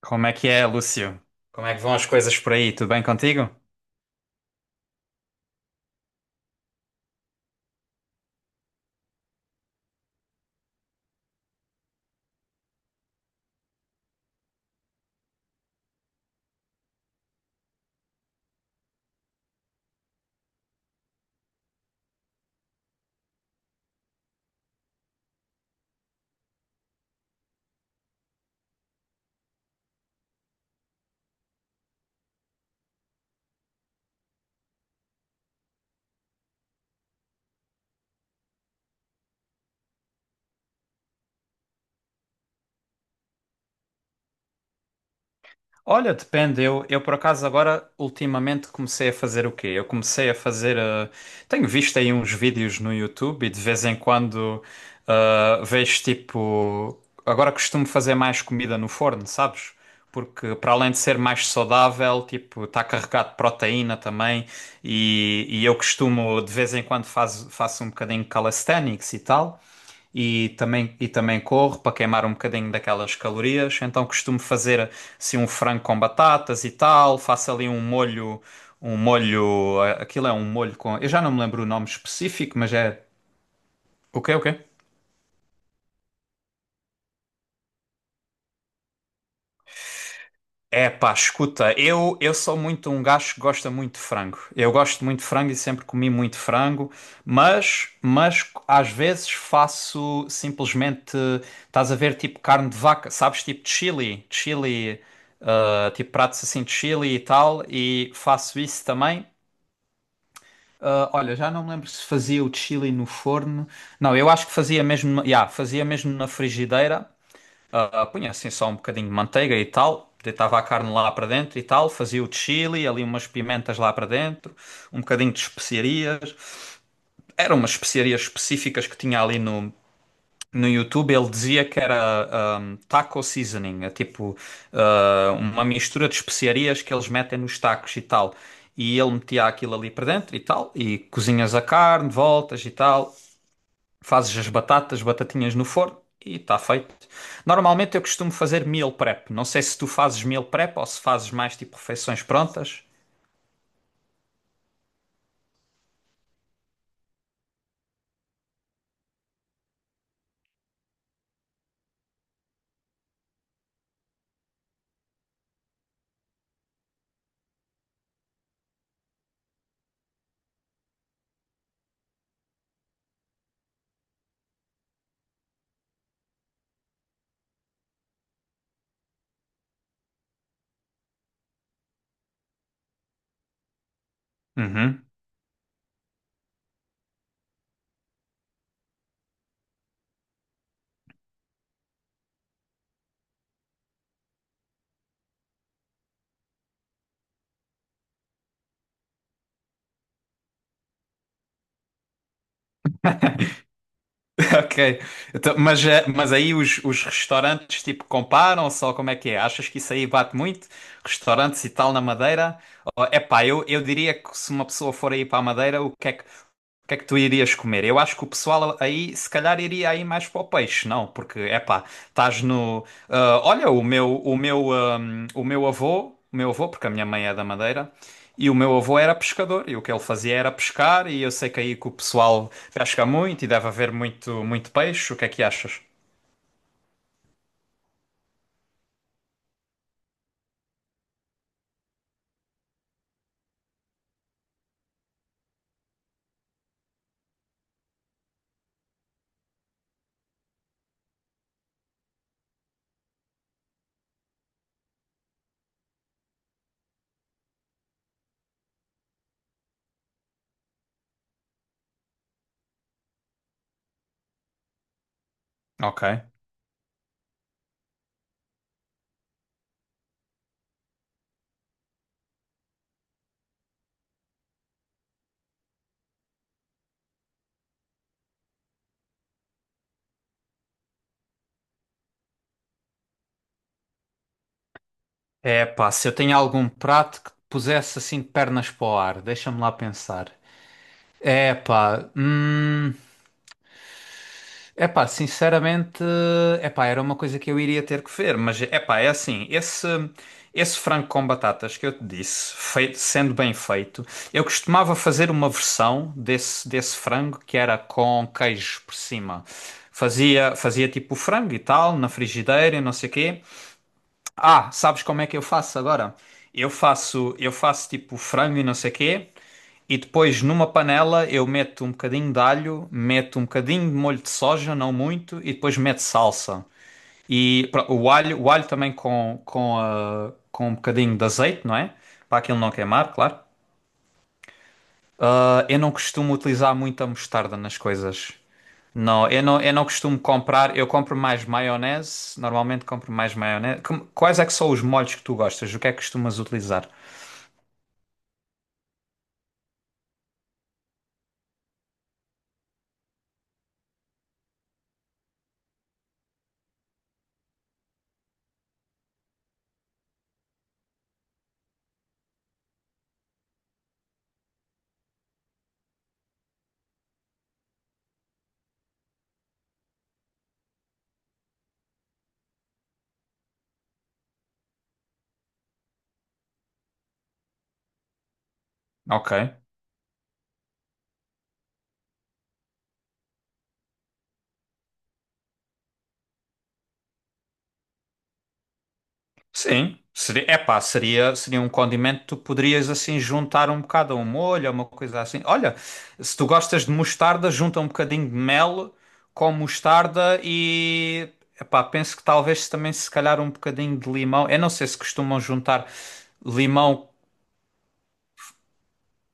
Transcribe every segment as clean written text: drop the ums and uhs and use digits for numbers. Como é que é, Lúcio? Como é que vão as coisas por aí? Tudo bem contigo? Olha, depende. Eu por acaso agora ultimamente comecei a fazer o quê? Eu comecei a fazer. Tenho visto aí uns vídeos no YouTube e de vez em quando vejo tipo. Agora costumo fazer mais comida no forno, sabes? Porque para além de ser mais saudável, tipo, está carregado de proteína também e eu costumo de vez em quando faço um bocadinho de calisthenics e tal. E também corro para queimar um bocadinho daquelas calorias. Então costumo fazer assim um frango com batatas e tal, faço ali um molho, um molho, aquilo é um molho com, eu já não me lembro o nome específico, mas é o quê? É pá, escuta, eu sou muito um gajo que gosta muito de frango. Eu gosto muito de frango e sempre comi muito frango, mas às vezes faço simplesmente, estás a ver, tipo carne de vaca, sabes, tipo de chili, tipo pratos assim de chili e tal, e faço isso também. Ah, olha, já não me lembro se fazia o chili no forno. Não, eu acho que fazia mesmo, yeah, fazia mesmo na frigideira. Punha assim só um bocadinho de manteiga e tal, deitava a carne lá para dentro e tal, fazia o chili, ali umas pimentas lá para dentro, um bocadinho de especiarias. Eram umas especiarias específicas que tinha ali no YouTube. Ele dizia que era taco seasoning, é tipo, uma mistura de especiarias que eles metem nos tacos e tal. E ele metia aquilo ali para dentro e tal, e cozinhas a carne, voltas e tal. Fazes as batatas, batatinhas no forno e está feito. Normalmente eu costumo fazer meal prep. Não sei se tu fazes meal prep ou se fazes mais tipo refeições prontas. Uhum. Ok. Então, mas mas aí os restaurantes tipo comparam só como é que é? Achas que isso aí bate muito? Restaurantes e tal na Madeira? É epá, eu diria que se uma pessoa for aí para a Madeira, o que é que, o que é que tu irias comer? Eu acho que o pessoal aí se calhar iria aí mais para o peixe, não? Porque é epá, estás no. Olha, o meu avô, o meu avô, porque a minha mãe é da Madeira. E o meu avô era pescador, e o que ele fazia era pescar, e eu sei que aí que o pessoal pesca muito e deve haver muito, muito peixe. O que é que achas? Ok. É pá, se eu tenho algum prato que pusesse assim de pernas para o ar, deixa-me lá pensar. É pá. Epá, sinceramente, epá, era uma coisa que eu iria ter que ver, mas epá, é assim, esse frango com batatas que eu te disse, feito- sendo bem feito, eu costumava fazer uma versão desse frango que era com queijo por cima. Fazia tipo o frango e tal, na frigideira e não sei o quê. Sabes como é que eu faço agora? Eu faço tipo frango e não sei quê, e depois numa panela eu meto um bocadinho de alho, meto um bocadinho de molho de soja, não muito, e depois meto salsa. E o o alho também com com um bocadinho de azeite, não é? Para aquilo não queimar, claro. Ah, eu não costumo utilizar muita mostarda nas coisas. Não, eu não costumo comprar. Eu compro mais maionese. Normalmente compro mais maionese. Como- Quais é que são os molhos que tu gostas? O que é que costumas utilizar? Ok. Sim, seria um condimento que tu poderias assim juntar um bocado a um molho, a uma coisa assim. Olha, se tu gostas de mostarda, junta um bocadinho de mel com mostarda e epá, penso que talvez também se calhar um bocadinho de limão. Eu não sei se costumam juntar limão.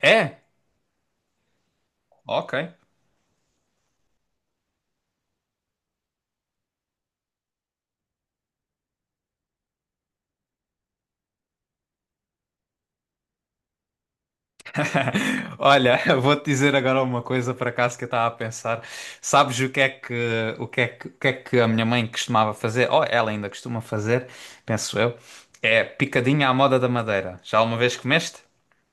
É? Ok. Olha, eu vou-te dizer agora uma coisa por acaso que eu estava a pensar. Sabes o que é que, o que é que, o que é que a minha mãe costumava fazer? Ou ela ainda costuma fazer, penso eu, é picadinha à moda da Madeira. Já alguma vez comeste?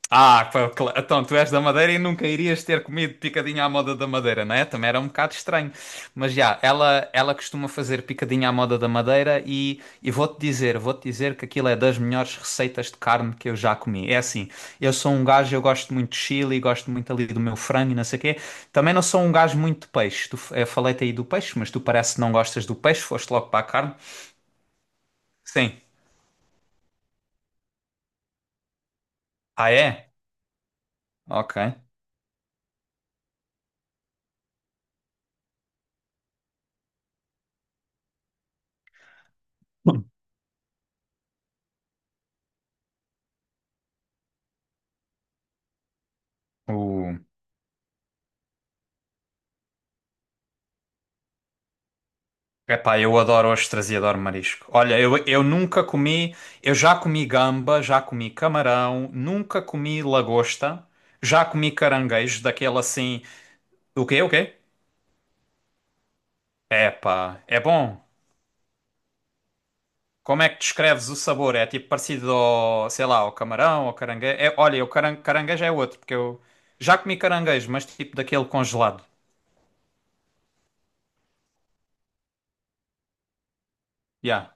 Ah, pá, cla- então tu és da Madeira e nunca irias ter comido picadinha à moda da Madeira, não é? Também era um bocado estranho. Mas ela costuma fazer picadinha à moda da Madeira e vou-te dizer que aquilo é das melhores receitas de carne que eu já comi. É assim, eu sou um gajo, eu gosto muito de chili, gosto muito ali do meu frango e não sei o quê. Também não sou um gajo muito de peixe. Tu, eu falei-te aí do peixe, mas tu parece que não gostas do peixe, foste logo para a carne. Sim. Ah, é? Ok. Uh. Epá, eu adoro ostras e adoro marisco. Olha, eu nunca comi, eu já comi gamba, já comi camarão, nunca comi lagosta, já comi caranguejo, daquele assim. O quê? O quê? Epá, é bom. Como é que descreves o sabor? É tipo parecido ao, sei lá, ao camarão, ao caranguejo. É, olha, o caranguejo é outro, porque eu já comi caranguejo, mas tipo daquele congelado. Yeah.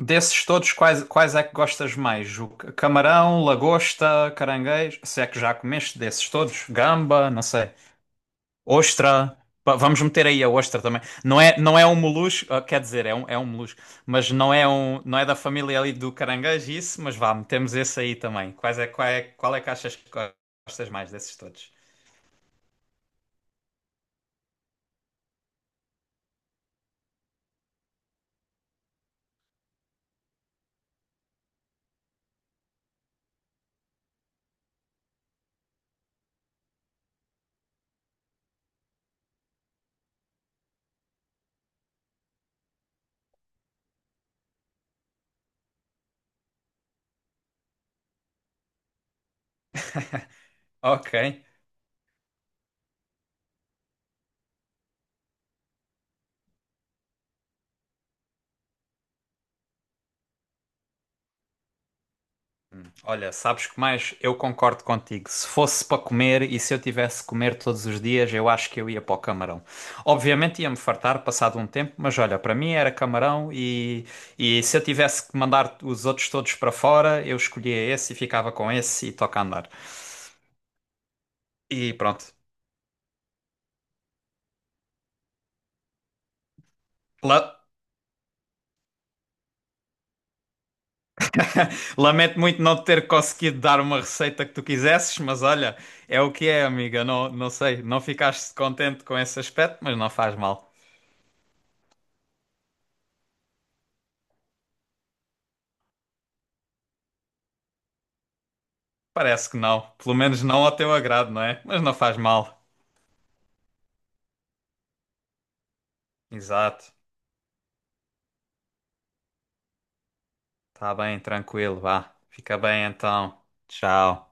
Desses todos, quais é que gostas mais? O camarão, lagosta, caranguejo? Se é que já comeste desses todos? Gamba, não sei. Ostra. Pa- Vamos meter aí a ostra também. Não é um molusco, quer dizer, é é um molusco, mas não é um, não é da família ali do caranguejo, isso, mas vá, metemos esse aí também. Quais é, qual é, qual é que achas que gostas mais desses todos? Ok. Olha, sabes que mais? Eu concordo contigo. Se fosse para comer e se eu tivesse que comer todos os dias, eu acho que eu ia para o camarão. Obviamente ia-me fartar passado um tempo, mas olha, para mim era camarão e se eu tivesse que mandar os outros todos para fora, eu escolhia esse e ficava com esse e toca a andar. E pronto. La- Lamento muito não ter conseguido dar uma receita que tu quisesses, mas olha, é o que é, amiga. Não, não sei, não ficaste contente com esse aspecto, mas não faz mal. Parece que não. Pelo menos não ao teu agrado, não é? Mas não faz mal. Exato. Tá bem, tranquilo, vá. Fica bem então. Tchau.